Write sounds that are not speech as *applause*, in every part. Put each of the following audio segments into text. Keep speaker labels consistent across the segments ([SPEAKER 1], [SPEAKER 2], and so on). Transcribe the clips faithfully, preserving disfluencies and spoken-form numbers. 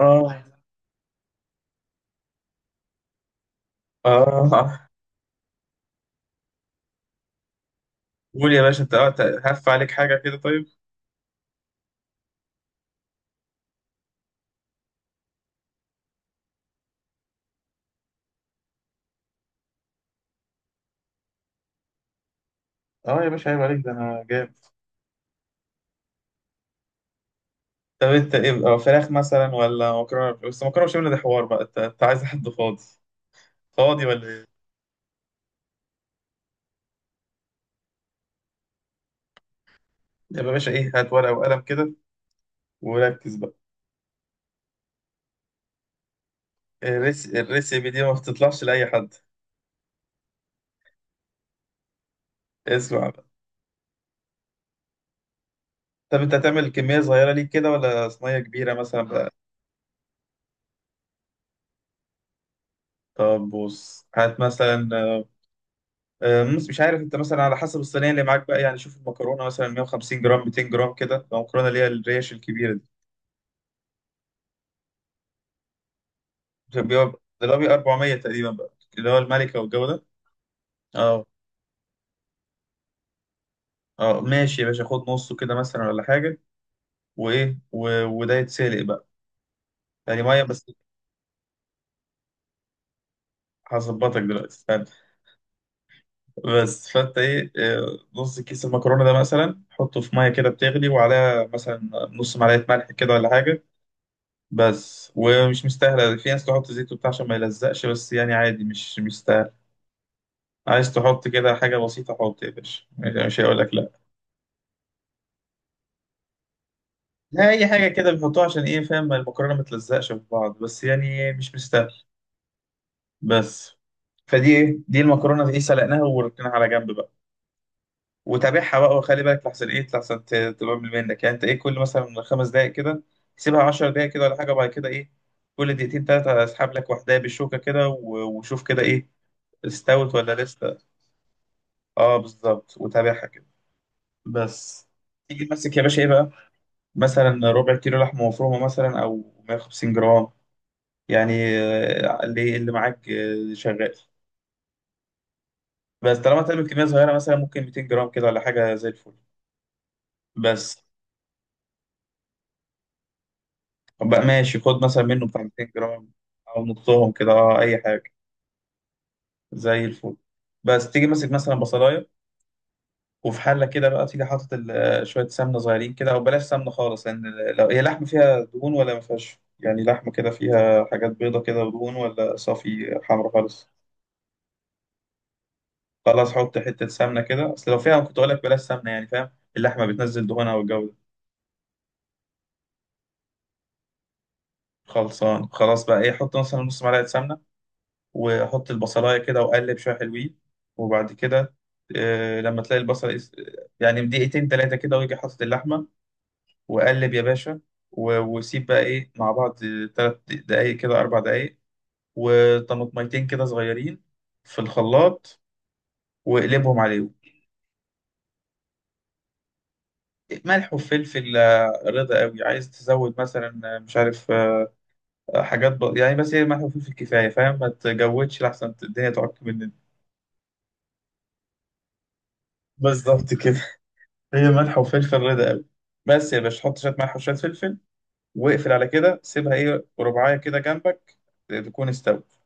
[SPEAKER 1] اه اه قول يا باشا انت، آه، أنت هف عليك حاجة كده؟ طيب، اه يا باشا عيب عليك، ده انا جامد. طب انت ايه، آه، فراخ مثلا ولا مكرونة؟ بس مكرونة بشاميل ده حوار بقى، انت أنت عايز حد فاضي فاضي ولا ايه؟ يبقى يا باشا ايه، هات ورقة وقلم كده وركز بقى. الريس... الريسيبي دي ما بتطلعش لأي حد. اسمع بقى، طب انت هتعمل كمية صغيرة ليك كده ولا صينية كبيرة مثلا بقى؟ طب بص هات مثلا، آه، مس- مش عارف انت، مثلا على حسب الصينيه اللي معاك بقى، يعني شوف المكرونه مثلا 150 جرام 200 جرام كده، لو المكرونه اللي هي الريش الكبيره دي بتبقى- ده اللي هو بيبقى اربعمية تقريبا بقى، اللي هو الملكه والجو ده. اه اه ماشي يا باشا، خد نصه كده مثلا ولا حاجه. وايه، و... وده يتسلق بقى، يعني ميه بس. هظبطك دلوقتي استنى. بس فانت ايه، آه، نص كيس المكرونه ده مثلا حطه في ميه كده بتغلي، وعليها مثلا نص معلقه ملح كده ولا حاجه بس. ومش مستاهله، في ناس تحط زيت وبتاع عشان ما يلزقش، بس يعني عادي مش مستاهل. عايز تحط كده حاجه بسيطه، حط يا باشا، مش مش هيقول لك لا. لا، اي حاجه كده بيحطوها عشان ايه فاهم، المكرونه ما تلزقش في بعض، بس يعني مش مستاهل بس. فدي ايه، دي المكرونه ايه، سلقناها وركناها على جنب بقى، وتابعها بقى وخلي بالك لحسن ايه، لحسن ت- تبقى من منك، يعني انت ايه، كل مثلا خمس دقائق كده، سيبها 10 دقائق كده ولا حاجه. وبعد كده ايه، كل دقيقتين ثلاثه اسحب لك واحده بالشوكه كده و- وشوف كده ايه، استوت ولا لسه. اه بالظبط، وتابعها كده بس. تيجي تمسك يا باشا ايه بقى، مثلا ربع كيلو لحمه مفرومه مثلا او 150 جرام يعني، آه، اللي إيه، اللي معاك آه، شغال بس. طالما تعمل كميه صغيره، مثلا ممكن 200 جرام كده ولا حاجه زي الفل بس. طب بقى ماشي، خد مثلا منه بتاع 200 جرام او نصهم كده، اه اي حاجه زي الفل بس. تيجي ماسك مثلا بصلايه، وفي حله كده بقى تيجي حاطط ال- شويه سمنه صغيرين كده، او بلاش سمنه خالص، لان لو هي لحمه فيها دهون ولا ما فيهاش، يعني لحمه كده فيها حاجات بيضه كده ودهون، ولا صافي حمرا خالص. خلاص حط حته سمنه كده، اصل لو فيها كنت اقول لك بلاش سمنه يعني، فاهم، اللحمه بتنزل دهونها والجو ده. خلصان خلاص بقى ايه، حط مثلا نص معلقه سمنه، وحط البصلايه كده وقلب شويه حلوين. وبعد كده آه، لما تلاقي البصل اس- يعني دقيقتين تلاتة كده، ويجي حاطط اللحمة وقلب يا باشا، و- وسيب بقى ايه مع بعض تلات دقايق كده اربع دقايق. وطماطميتين كده صغيرين في الخلاط، واقلبهم عليهم ملح وفلفل. آه، رضا قوي عايز تزود مثلا، آه، مش عارف، آه، حاجات ب... يعني بس هي ملح وفلفل كفايه فاهم، ما تجودش لحسن الدنيا تعك مننا. بالظبط كده، هي ملح وفلفل رضا قوي بس. يا باشا حط شويه ملح وشويه فلفل، واقفل على كده. سيبها ايه، رباعيه كده جنبك تكون استوت.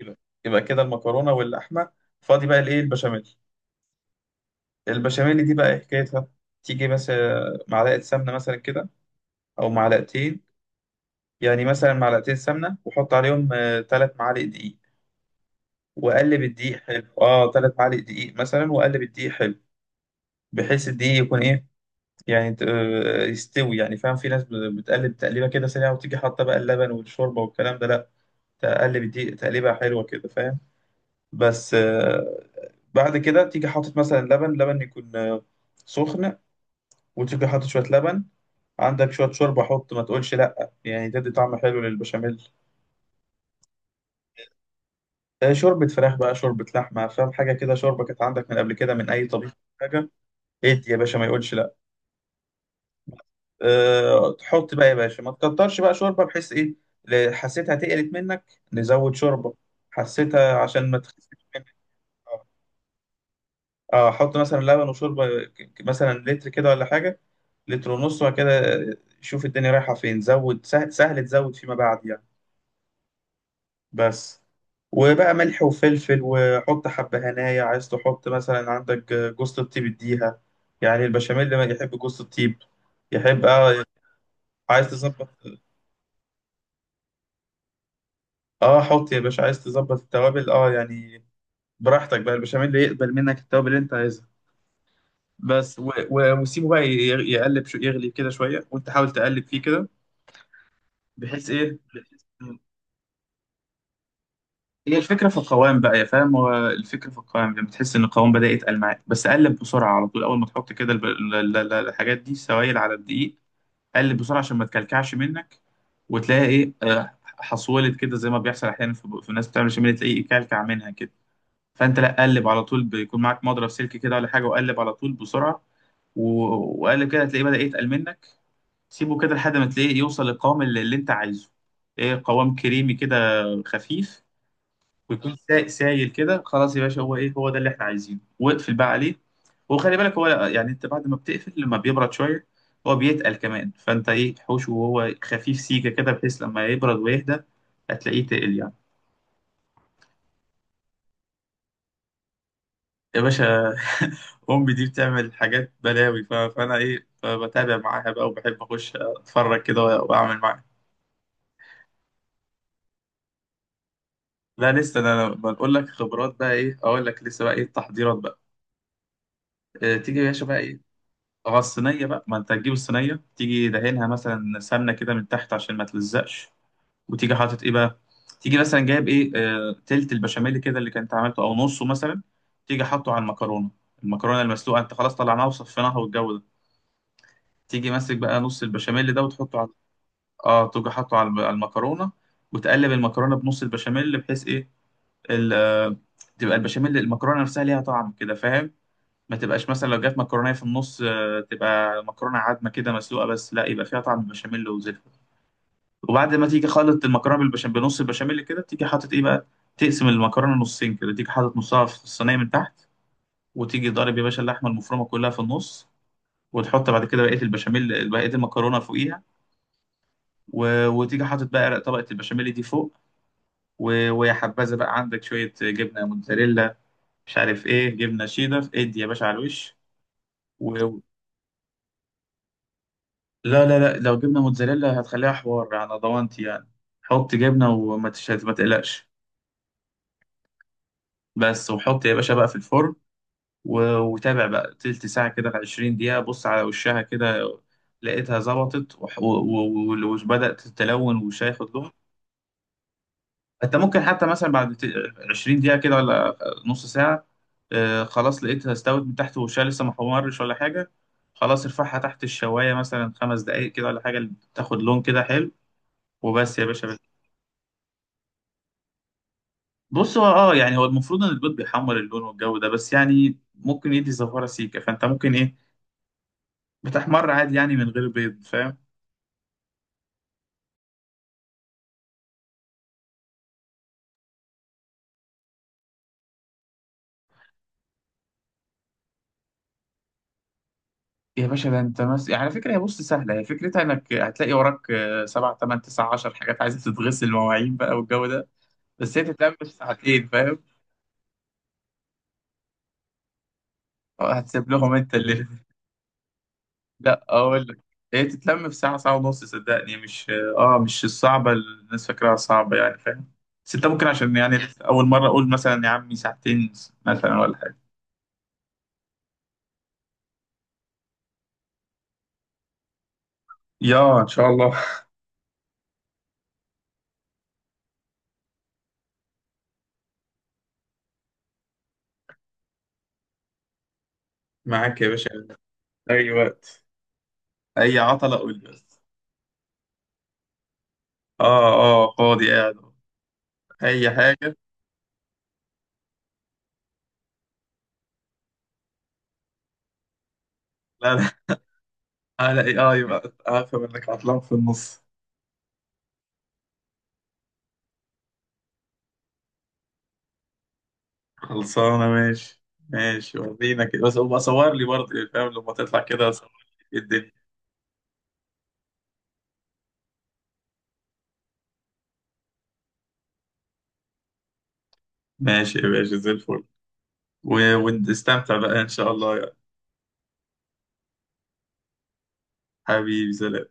[SPEAKER 1] يبقى، يبقى كده المكرونه واللحمه. فاضي بقى الايه، البشاميل. البشاميل دي بقى إيه حكايتها، تيجي مثلا معلقه سمنه مثلا كده، او معلقتين يعني. مثلا معلقتين سمنه، وحط عليهم ثلاث معالق دقيق، وقلب الدقيق حلو. اه ثلاث معالق دقيق مثلا، وقلب الدقيق حلو، بحيث الدقيق يكون ايه، يعني آه، يستوي يعني، فاهم؟ في ناس بت- بتقلب تقليبه كده سريعه وتيجي حاطه بقى اللبن والشوربه والكلام ده، لا تقلب الدقيق تقليبه حلوه كده فاهم بس. آه، بعد كده تيجي حاطط مثلا لبن، لبن يكون آه، سخن. وتيجي حاطط شوية لبن، عندك شوية شوربة حط، ما تقولش لأ، يعني تدي طعم حلو للبشاميل. آه، شوربة فراخ بقى، شوربة لحمة، فاهم، حاجة كده شوربة كانت عندك من قبل كده من أي طبيخ، حاجة. ادي يا باشا ما يقولش لأ. أه تحط بقى يا باشا ما تكترش بقى شوربة بحيث إيه، ل- حسيتها تقلت منك نزود شوربة، حسيتها عشان ما تخسرش منك. آه. اه احط مثلا لبن وشوربه، ك- مثلا لتر كده ولا حاجه، لتر ونص، وبعد كده شوف الدنيا رايحه فين، زود. سهل, سهل تزود فيما بعد يعني بس. وبقى ملح وفلفل، وحط حبة هنايا، عايز تحط مثلا عندك جوز الطيب، اديها يعني، البشاميل ما يحب جوز الطيب، يحب اه. عايز تظبط، اه حط يا باشا، عايز تظبط التوابل اه يعني، براحتك بقى، البشاميل يقبل منك التوابل اللي انت عايزها بس. و... و... وسيبه بقى ي- يقلب شو... يغلي كده شوية، وانت حاول تقلب فيه كده بحيث ايه، بحيث- هي الفكره في القوام بقى يا فاهم، هو الفكره في القوام، لما تحس ان القوام بدا يتقل معاك، بس قلب بسرعه على طول، اول ما تحط كده الب- ال- ال- ال- الحاجات دي سوائل على الدقيق، قلب بسرعه عشان ما تكلكعش منك، وتلاقي ايه، آه، حصولت كده زي ما بيحصل احيانا في في الناس بتعمل شمال تلاقيه يكلكع منها كده. فانت لا، قلب على طول، بيكون معاك مضرب سلك كده ولا حاجه، وقلب على طول بسرعه، و- وقلب كده هتلاقيه بدا يتقل منك. سيبه كده لحد ما تلاقيه يوصل للقوام اللي, اللي انت عايزه، ايه، قوام كريمي كده خفيف، ويكون سا- سايل كده، خلاص يا باشا هو ايه، هو ده اللي احنا عايزينه، واقفل بقى عليه. وخلي بالك هو يعني انت بعد ما بتقفل لما بيبرد شويه هو بيتقل كمان، فانت ايه، حوشه وهو خفيف سيكه كده، بحيث لما يبرد ويهدى هتلاقيه تقل يعني. يا باشا *laughs* امي دي بتعمل حاجات بلاوي، ف- فانا ايه، بتابع معاها بقى، وبحب اخش اتفرج كده واعمل معاها. لا لسه، انا بقول لك خبرات بقى، ايه اقول لك لسه بقى ايه التحضيرات بقى. آه، تيجي يا باشا بقى إيه، اه الصينية بقى، ما انت هتجيب الصينية تيجي دهنها مثلا سمنة كده من تحت عشان ما تلزقش. وتيجي حاطط ايه بقى، تيجي مثلا جايب ايه، آه تلت البشاميل كده اللي كنت عملته او نصه مثلا، تيجي حاطه على المكرونة. المكرونة المسلوقة انت خلاص طلعناها وصفيناها والجو ده، تيجي ماسك بقى نص البشاميل ده وتحطه على، اه تيجي حاطه على الم- على المكرونة، وتقلب المكرونة بنص البشاميل بحيث ايه، ال... آه، تبقى البشاميل، المكرونة نفسها ليها طعم كده فاهم، ما تبقاش مثلا لو جت مكرونه في النص، آه، تبقى مكرونه عادمه كده مسلوقه بس، لا يبقى فيها طعم البشاميل وزلفه. وبعد ما تيجي خلط المكرونه بالبشاميل بنص البشاميل كده، تيجي حاطط ايه بقى، تقسم المكرونه نصين كده، تيجي حاطط نصها في الصينيه من تحت، وتيجي ضارب يا باشا اللحمه المفرومه كلها في النص، وتحط بعد كده بقيه البشاميل بقيه المكرونه فوقيها. و... وتيجي حاطط بقى طبقه البشاميل دي فوق، و... ويا حبذا بقى عندك شويه جبنه موتزاريلا، مش عارف ايه جبنه شيدر، ادي يا باشا على الوش. لا لا لا، لو جبنا موتزاريلا هتخليها حوار على ضمانتي يعني، حط جبنة وما تش... ما تقلقش بس. وحط يا باشا بقى في الفرن، و... وتابع بقى تلت ساعة كده 20 دقيقة، بص على وشها كده لقيتها ظبطت وح- و- و- و- وبدأت تتلون، وشها ياخد لون. انت ممكن حتى مثلا بعد ت- 20 دقيقة كده ولا نص ساعة، آه، خلاص لقيتها استوت من تحت وشها لسه ما حمرش ولا حاجة، خلاص ارفعها تحت الشواية مثلا خمس دقايق كده ولا حاجة تاخد لون كده حلو، وبس يا باشا. بص هو اه يعني هو المفروض ان البيض بيحمر اللون والجو ده، بس يعني ممكن يدي زفارة سيكة، فانت ممكن ايه، بتحمر عادي يعني من غير بيض فاهم. يا باشا ده انت مس... يعني على فكرة هي بص سهلة، هي فكرتها انك هتلاقي وراك، آه، سبعة تمن تسعة عشر حاجات عايزة تتغسل، مواعين بقى والجو ده، بس هي تتلم في ساعتين فاهم. آه، هتسيب لهم انت اللي *laughs* لا اقول لك، هي تتلم في ساعة ساعة ونص صدقني، مش اه مش الصعبة اللي الناس فاكراها صعبة يعني فاهم. بس انت ممكن عشان يعني اول مرة اقول مثلا يا عمي ساعتين مثلا ولا حاجة. يا ان شاء الله. معاك يا باشا اي وقت، اي عطلة قول لي بس. اه اه فاضي قاعد، اي حاجة. لا لا، على اي اي بقى، عارف انك عطلان في النص. خلصانة ماشي، ماشي ورينا كده، بس هو صور لي برضه يعني فاهم، لما تطلع كده صور لي الدنيا. ماشي يا باشا زي الفل، و- ونستمتع بقى ان شاء الله يا حبيبي، سلام.